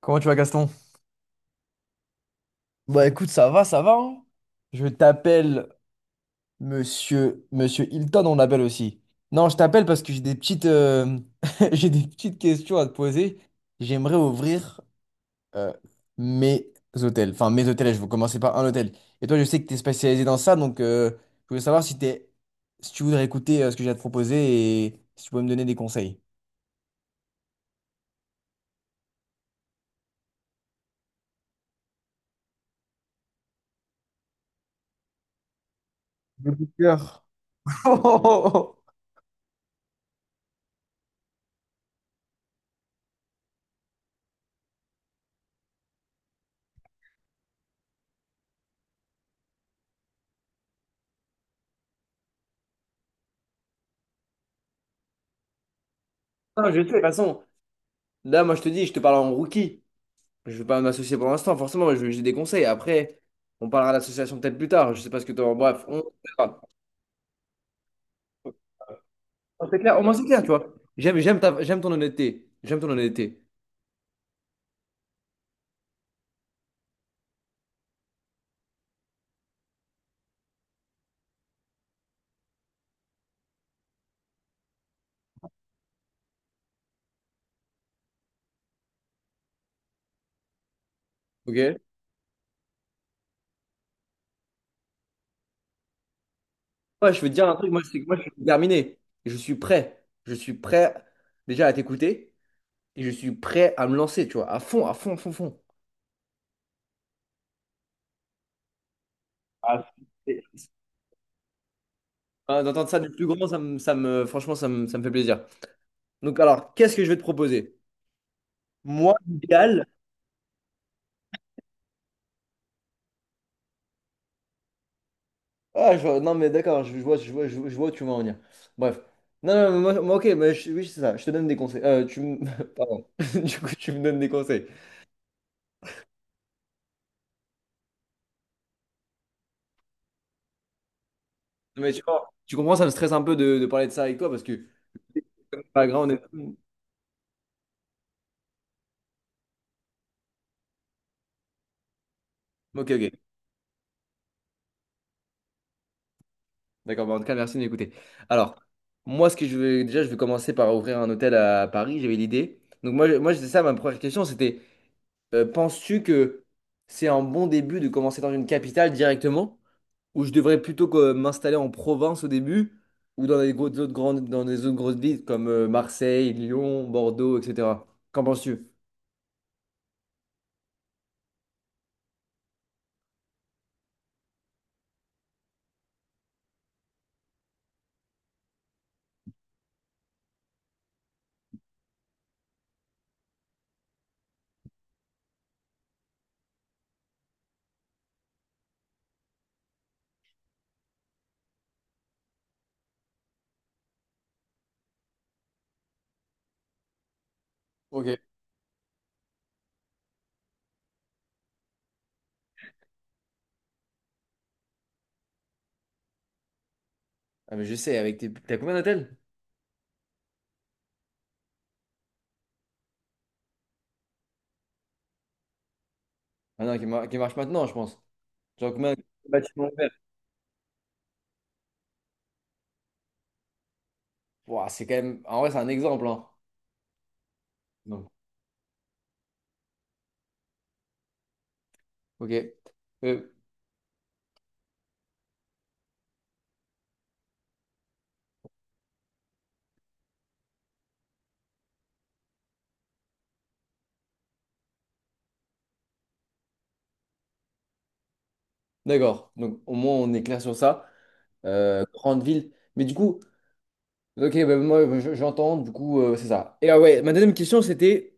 Comment tu vas, Gaston? Bah écoute, ça va, ça va, hein. Je t'appelle Monsieur Hilton, on l'appelle aussi. Non, je t'appelle parce que j'ai des petites j'ai des petites questions à te poser. J'aimerais ouvrir euh, mes hôtels. Enfin, mes hôtels, je vais commencer par un hôtel. Et toi, je sais que tu es spécialisé dans ça, donc je voulais savoir si t'es si tu voudrais écouter ce que j'ai à te proposer et si tu peux me donner des conseils. Mon coup de cœur. Non, je sais, de toute façon, là, moi, je te dis, je te parle en rookie. Je veux pas m'associer pour l'instant, forcément, mais j'ai des conseils. Après, on parlera de l'association peut-être plus tard. Je sais pas ce que tu en. Bref, on verra. Non, c'est clair, au moins c'est clair, tu vois. J'aime ton honnêteté. J'aime ton honnêteté. Ok? Moi, je veux te dire un truc, moi, c'est que moi, je suis déterminé. Je suis prêt. Je suis prêt déjà à t'écouter et je suis prêt à me lancer, tu vois, à fond, à fond, à fond, à fond. Ah, c'est- ah, d'entendre ça du plus grand, franchement, ça me fait plaisir. Donc, alors, qu'est-ce que je vais te proposer? Moi, l'idéal. Ah, non, mais d'accord, je vois, je vois, je, vois je vois où tu veux en venir. Bref. Non, non, mais moi, ok, mais oui, c'est ça, je te donne des conseils. Tu me. Pardon. Du coup, tu me donnes des conseils. Non, mais tu vois, tu comprends, ça me stresse un peu de parler de ça avec toi parce que pas grand, on est. Ok, ok. D'accord, bah, en tout cas, merci de m'écouter. Alors, moi, ce que je vais déjà, je vais commencer par ouvrir un hôtel à Paris, j'avais l'idée. Donc, moi, moi c'était ça, ma première question, c'était, penses-tu que c'est un bon début de commencer dans une capitale directement? Où je devrais plutôt que m'installer en Provence au début, ou dans des autres grosses villes comme Marseille, Lyon, Bordeaux, etc. Qu'en penses-tu? Ok. Ah mais je sais, avec tes. T'as combien d'hôtels? Ah non, qui marchent maintenant, je pense. Genre combien de bâtiments verts? Ouah, c'est quand même. En vrai, c'est un exemple, hein. Donc, ok. Euh, d'accord. Donc, au moins, on est clair sur ça. Grande ville. Mais du coup, ok, bah, moi, j'entends, du coup, c'est ça. Et ah ouais, ma deuxième question, c'était.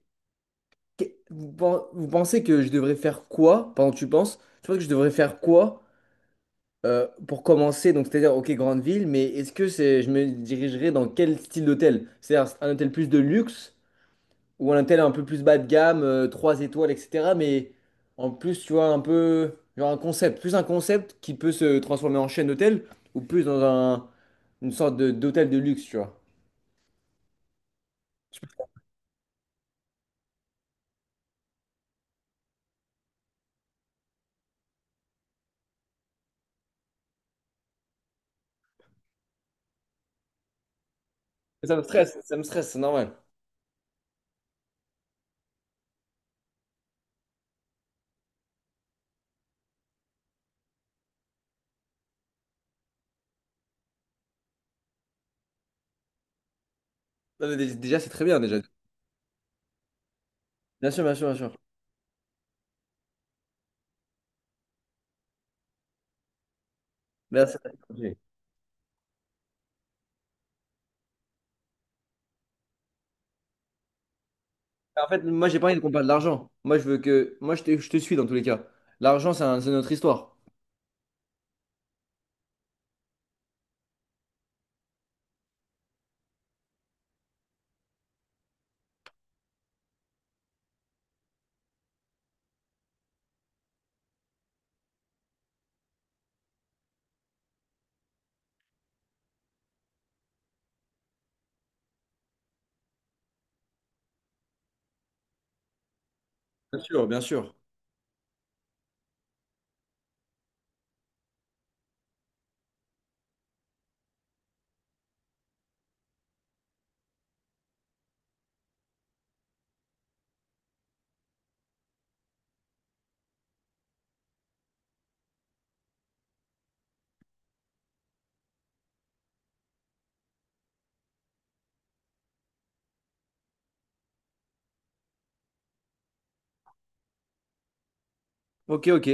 Que- vous pensez que je devrais faire quoi pendant que tu penses? Tu penses que je devrais faire quoi pour commencer? Donc, c'est-à-dire, ok, grande ville, mais est-ce que c'est, je me dirigerai dans quel style d'hôtel? C'est-à-dire un hôtel plus de luxe ou un hôtel un peu plus bas de gamme, trois 3 étoiles, etc. Mais en plus, tu vois, un peu, genre un concept, plus un concept qui peut se transformer en chaîne d'hôtel ou plus dans un, une sorte d'hôtel de luxe, tu vois. Ça me stresse, c'est normal. Non, mais déjà, c'est très bien, déjà. Bien sûr, bien sûr, bien sûr. Merci. Ok. En fait, moi, j'ai pas envie de qu'on parle de l'argent. Moi, je veux que. Moi, je te suis dans tous les cas. L'argent, c'est c'est notre histoire. Bien sûr, bien sûr. Ok, ok.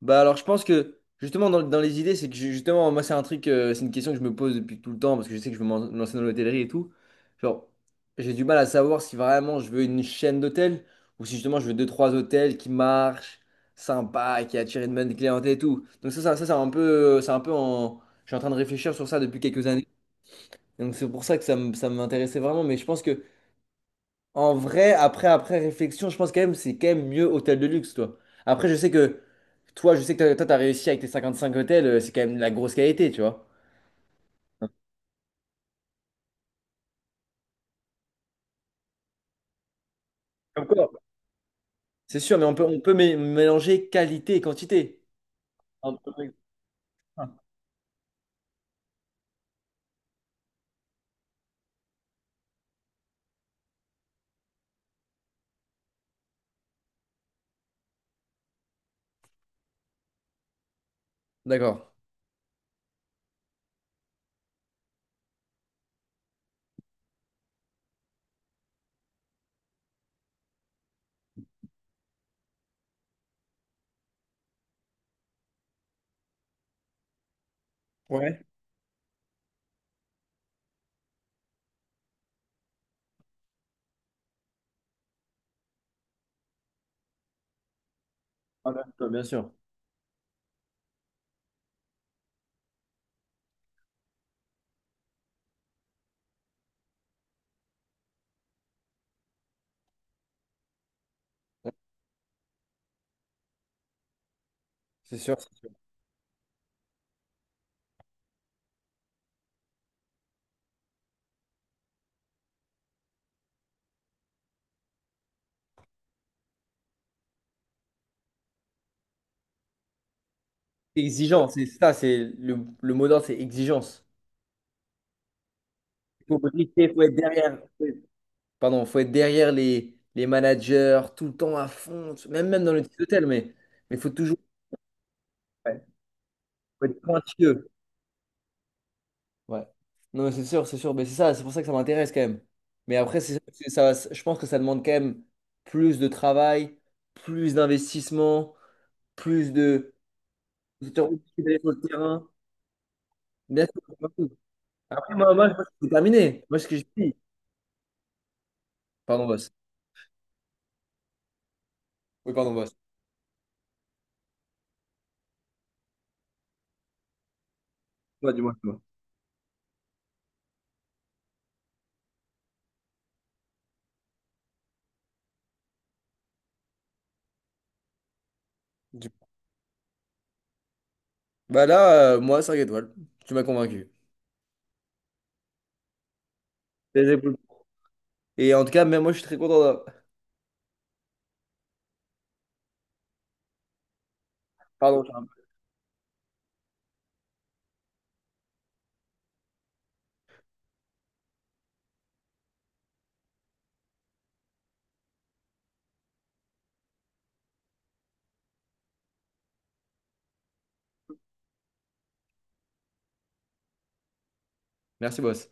Bah alors, je pense que justement, dans les idées, c'est que justement, moi, c'est un truc, c'est une question que je me pose depuis tout le temps parce que je sais que je veux me lancer dans l'hôtellerie et tout. Genre, j'ai du mal à savoir si vraiment je veux une chaîne d'hôtels ou si justement je veux deux, trois hôtels qui marchent, sympas, qui attirent une bonne clientèle et tout. Donc, ça, c'est un peu, en. Je suis en train de réfléchir sur ça depuis quelques années. Donc c'est pour ça que ça m'intéressait vraiment. Mais je pense que en vrai, après réflexion, je pense quand même c'est quand même mieux hôtel de luxe, toi. Après, je sais que toi, je sais que t'as- toi, t'as réussi avec tes 55 hôtels, c'est quand même de la grosse qualité, tu vois. Comme quoi. C'est sûr, mais on peut mélanger qualité et quantité. Un peu. D'accord. Ouais. Voilà. Toi, bien sûr. C'est sûr. C'est exigeant, c'est ça, c'est le mot d'ordre, c'est exigence. Faut briller, faut être derrière. Pardon, faut être derrière les managers, tout le temps à fond, même, même dans le petit hôtel, mais il faut toujours ouais, faut être pointilleux. Ouais. Non, mais c'est sûr, mais c'est ça, c'est pour ça que ça m'intéresse quand même. Mais après, je pense que ça demande quand même plus de travail, plus d'investissement, plus de. D'aller sur le terrain. Bien sûr, c'est pas tout. Après, moi, je pense que c'est terminé. Moi, ce que je dis. Pardon, boss. Oui, pardon, boss. Toi, dis-moi, dis-moi. Du- Bah là, moi, 5 étoiles. Tu m'as convaincu. Les épaules. Et en tout cas, même moi, je suis très content. Pardon, Charles. Merci, boss.